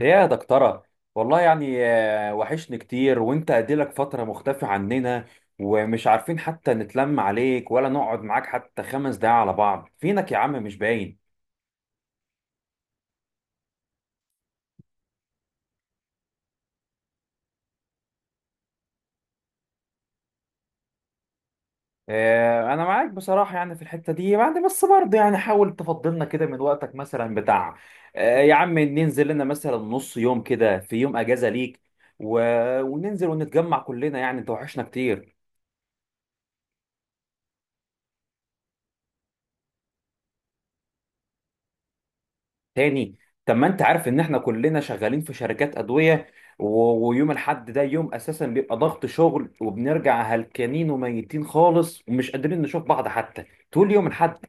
يا دكتورة، والله يعني وحشني كتير وانت اديلك فترة مختفي عننا، ومش عارفين حتى نتلم عليك ولا نقعد معاك حتى 5 دقايق على بعض. فينك يا عم؟ مش باين. انا معاك بصراحة يعني في الحتة دي، يعني بس برضه يعني حاول تفضلنا كده من وقتك مثلا بتاع يا عم، ننزل لنا مثلا نص يوم كده في يوم اجازة ليك و... وننزل ونتجمع كلنا، يعني انت وحشنا كتير. تاني؟ طب ما انت عارف ان احنا كلنا شغالين في شركات ادويه، ويوم الاحد ده يوم اساسا بيبقى ضغط شغل، وبنرجع هلكانين وميتين خالص، ومش قادرين نشوف بعض حتى، تقول لي يوم الاحد؟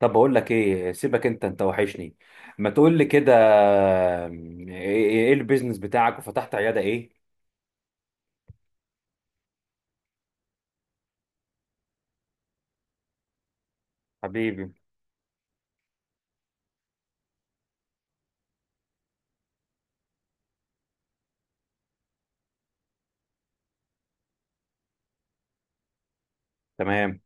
طب بقول لك ايه، سيبك انت وحشني. ما تقول لي كده، ايه إيه البيزنس بتاعك؟ وفتحت عياده ايه؟ حبيبي. تمام.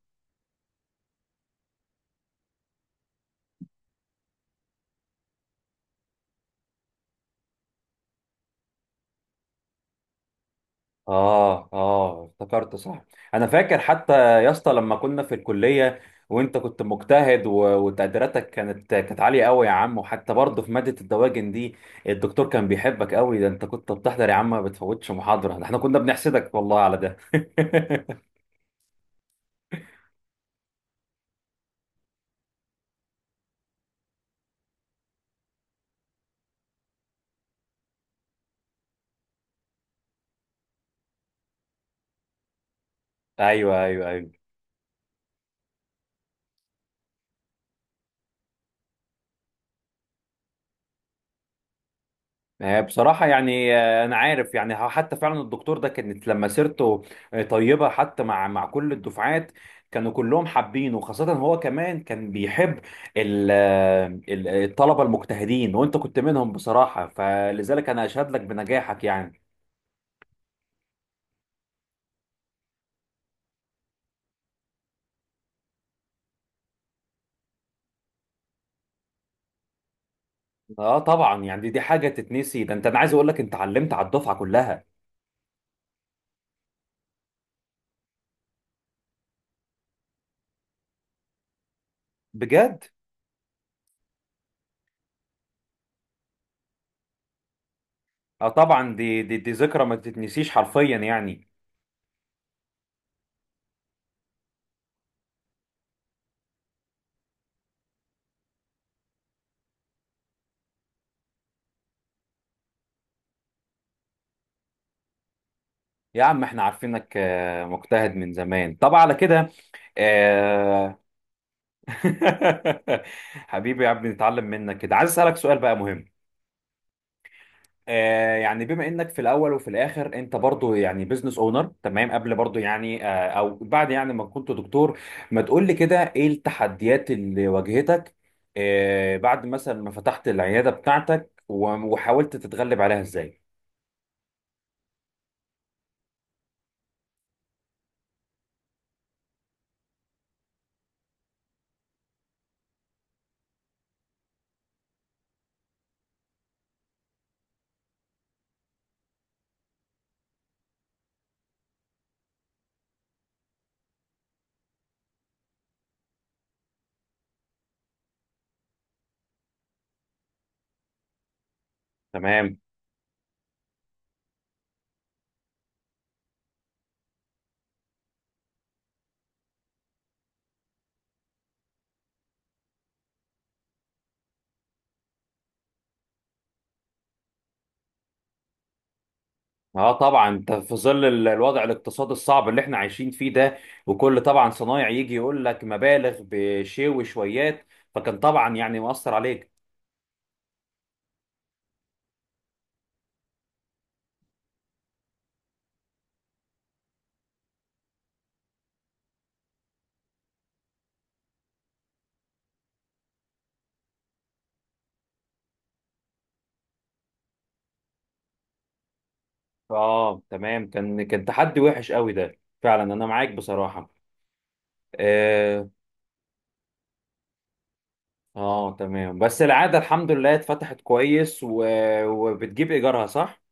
اه اه، افتكرت صح، انا فاكر حتى يا اسطى لما كنا في الكليه، وانت كنت مجتهد وتقديراتك كانت عاليه قوي يا عم، وحتى برضه في ماده الدواجن دي الدكتور كان بيحبك قوي، ده انت كنت بتحضر يا عم، ما بتفوتش محاضره، ده احنا كنا بنحسدك والله على ده. ايوه ايوه ايوه. بصراحة يعني أنا عارف يعني حتى فعلا الدكتور ده كانت لما سيرته طيبة حتى مع كل الدفعات، كانوا كلهم حابينه، وخاصة هو كمان كان بيحب الطلبة المجتهدين، وأنت كنت منهم بصراحة، فلذلك أنا أشهد لك بنجاحك يعني. أه طبعا، يعني دي حاجة تتنسي، ده أنت، أنا عايز أقول لك أنت علمت على الدفعة كلها. بجد. أه طبعا، دي ذكرى ما تتنسيش حرفيا يعني. يا عم احنا عارفينك مجتهد من زمان طبعا على كده. آه. حبيبي يا عم، نتعلم منك كده. عايز اسالك سؤال بقى مهم. يعني بما انك في الاول وفي الاخر انت برضو يعني بزنس اونر، تمام؟ قبل برضو يعني او بعد يعني ما كنت دكتور. ما تقول لي كده، ايه التحديات اللي واجهتك بعد مثلا ما فتحت العياده بتاعتك، وحاولت تتغلب عليها ازاي؟ تمام. اه طبعا، انت في ظل الوضع الاقتصادي الصعب اللي احنا عايشين فيه ده، وكل طبعا صنايع يجي يقول لك مبالغ بشيء وشويات، فكان طبعا يعني مؤثر عليك. اه تمام، كان تحدي وحش قوي ده فعلا، انا معاك بصراحة. اه. تمام، بس العادة الحمد لله اتفتحت كويس وبتجيب ايجارها، صح؟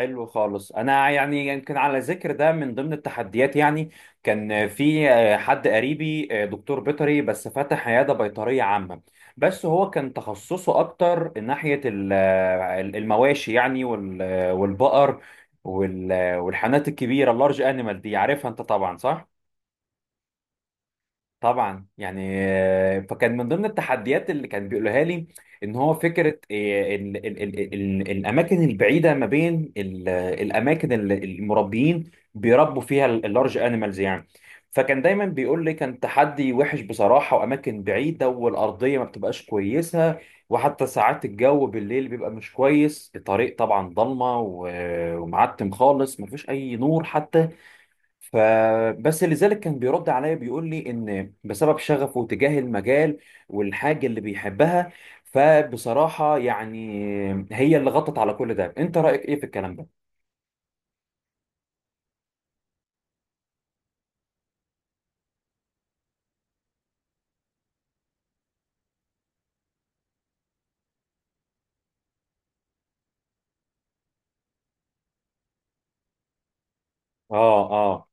حلو خالص. انا يعني يمكن على ذكر ده، من ضمن التحديات يعني، كان في حد قريبي، دكتور بيطري بس فتح عياده بيطريه عامه، بس هو كان تخصصه اكتر ناحيه المواشي يعني، والبقر، والحانات الكبيره، اللارج انيمال دي عارفها انت طبعا، صح؟ طبعا. يعني فكان من ضمن التحديات اللي كان بيقولها لي، ان هو فكره ال ال ال ال الاماكن البعيده ما بين الاماكن اللي المربيين بيربوا فيها اللارج انيمالز يعني. فكان دايما بيقول لي كان تحدي وحش بصراحه، واماكن بعيده، والارضيه ما بتبقاش كويسه، وحتى ساعات الجو بالليل بيبقى مش كويس، الطريق طبعا ضلمه ومعتم خالص، مفيش اي نور حتى. فبس لذلك كان بيرد عليا، بيقول لي ان بسبب شغفه تجاه المجال والحاجه اللي بيحبها، فبصراحه يعني هي اللي غطت على كل ده. انت رايك ايه في الكلام ده؟ اه اه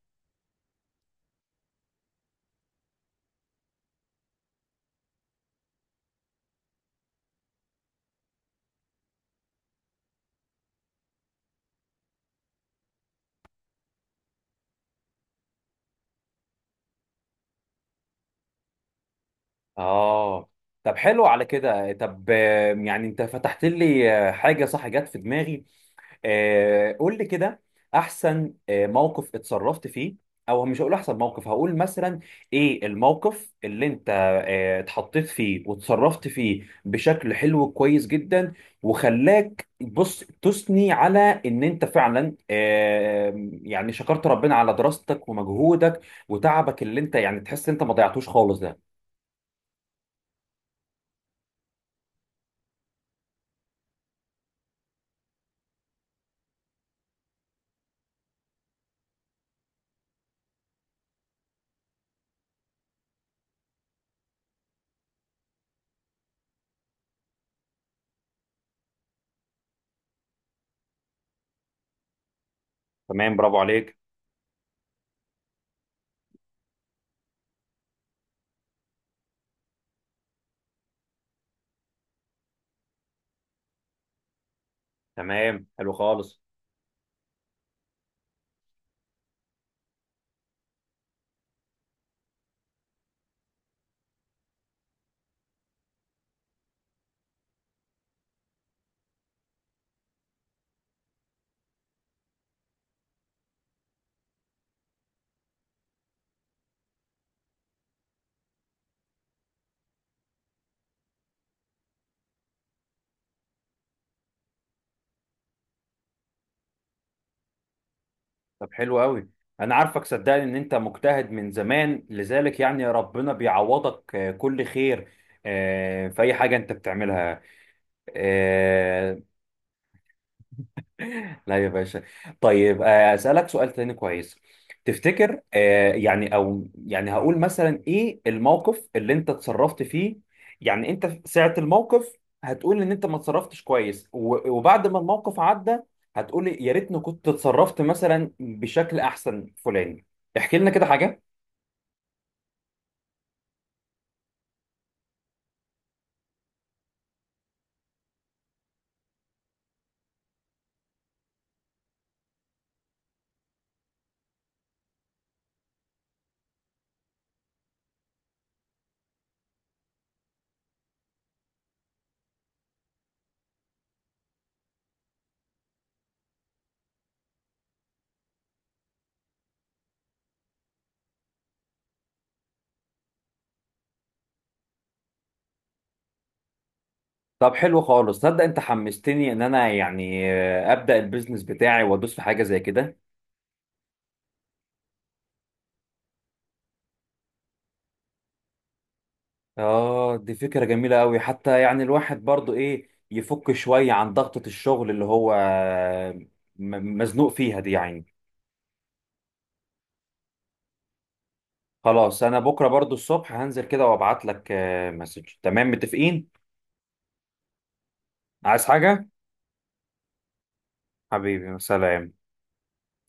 اه. طب حلو على كده. طب يعني انت فتحت لي حاجه، صح، جت في دماغي. قول لي كده، احسن موقف اتصرفت فيه، او مش هقول احسن موقف، هقول مثلا ايه الموقف اللي انت اتحطيت فيه وتصرفت فيه بشكل حلو كويس جدا، وخلاك بص تثني على ان انت فعلا يعني شكرت ربنا على دراستك ومجهودك وتعبك، اللي انت يعني تحس انت ما ضيعتوش خالص ده. تمام، برافو عليك. تمام، حلو خالص. طب حلو قوي، انا عارفك صدقني ان انت مجتهد من زمان، لذلك يعني ربنا بيعوضك كل خير في اي حاجه انت بتعملها آه، لا يا باشا. طيب أسألك سؤال تاني كويس. تفتكر يعني، أو يعني هقول مثلا إيه الموقف اللي أنت اتصرفت فيه، يعني أنت في ساعة الموقف هتقول إن أنت ما اتصرفتش كويس، وبعد ما الموقف عدى هتقول يا ريتني كنت اتصرفت مثلا بشكل أحسن فلان، احكي لنا كده حاجة. طب حلو خالص، تصدق أنت حمستني إن أنا يعني أبدأ البيزنس بتاعي وأدوس في حاجة زي كده. اه، دي فكرة جميلة قوي، حتى يعني الواحد برضو ايه، يفك شوية عن ضغطة الشغل اللي هو مزنوق فيها دي يعني. خلاص، انا بكرة برضو الصبح هنزل كده وابعت لك مسج، تمام؟ متفقين. عايز حاجة؟ حبيبي، سلام.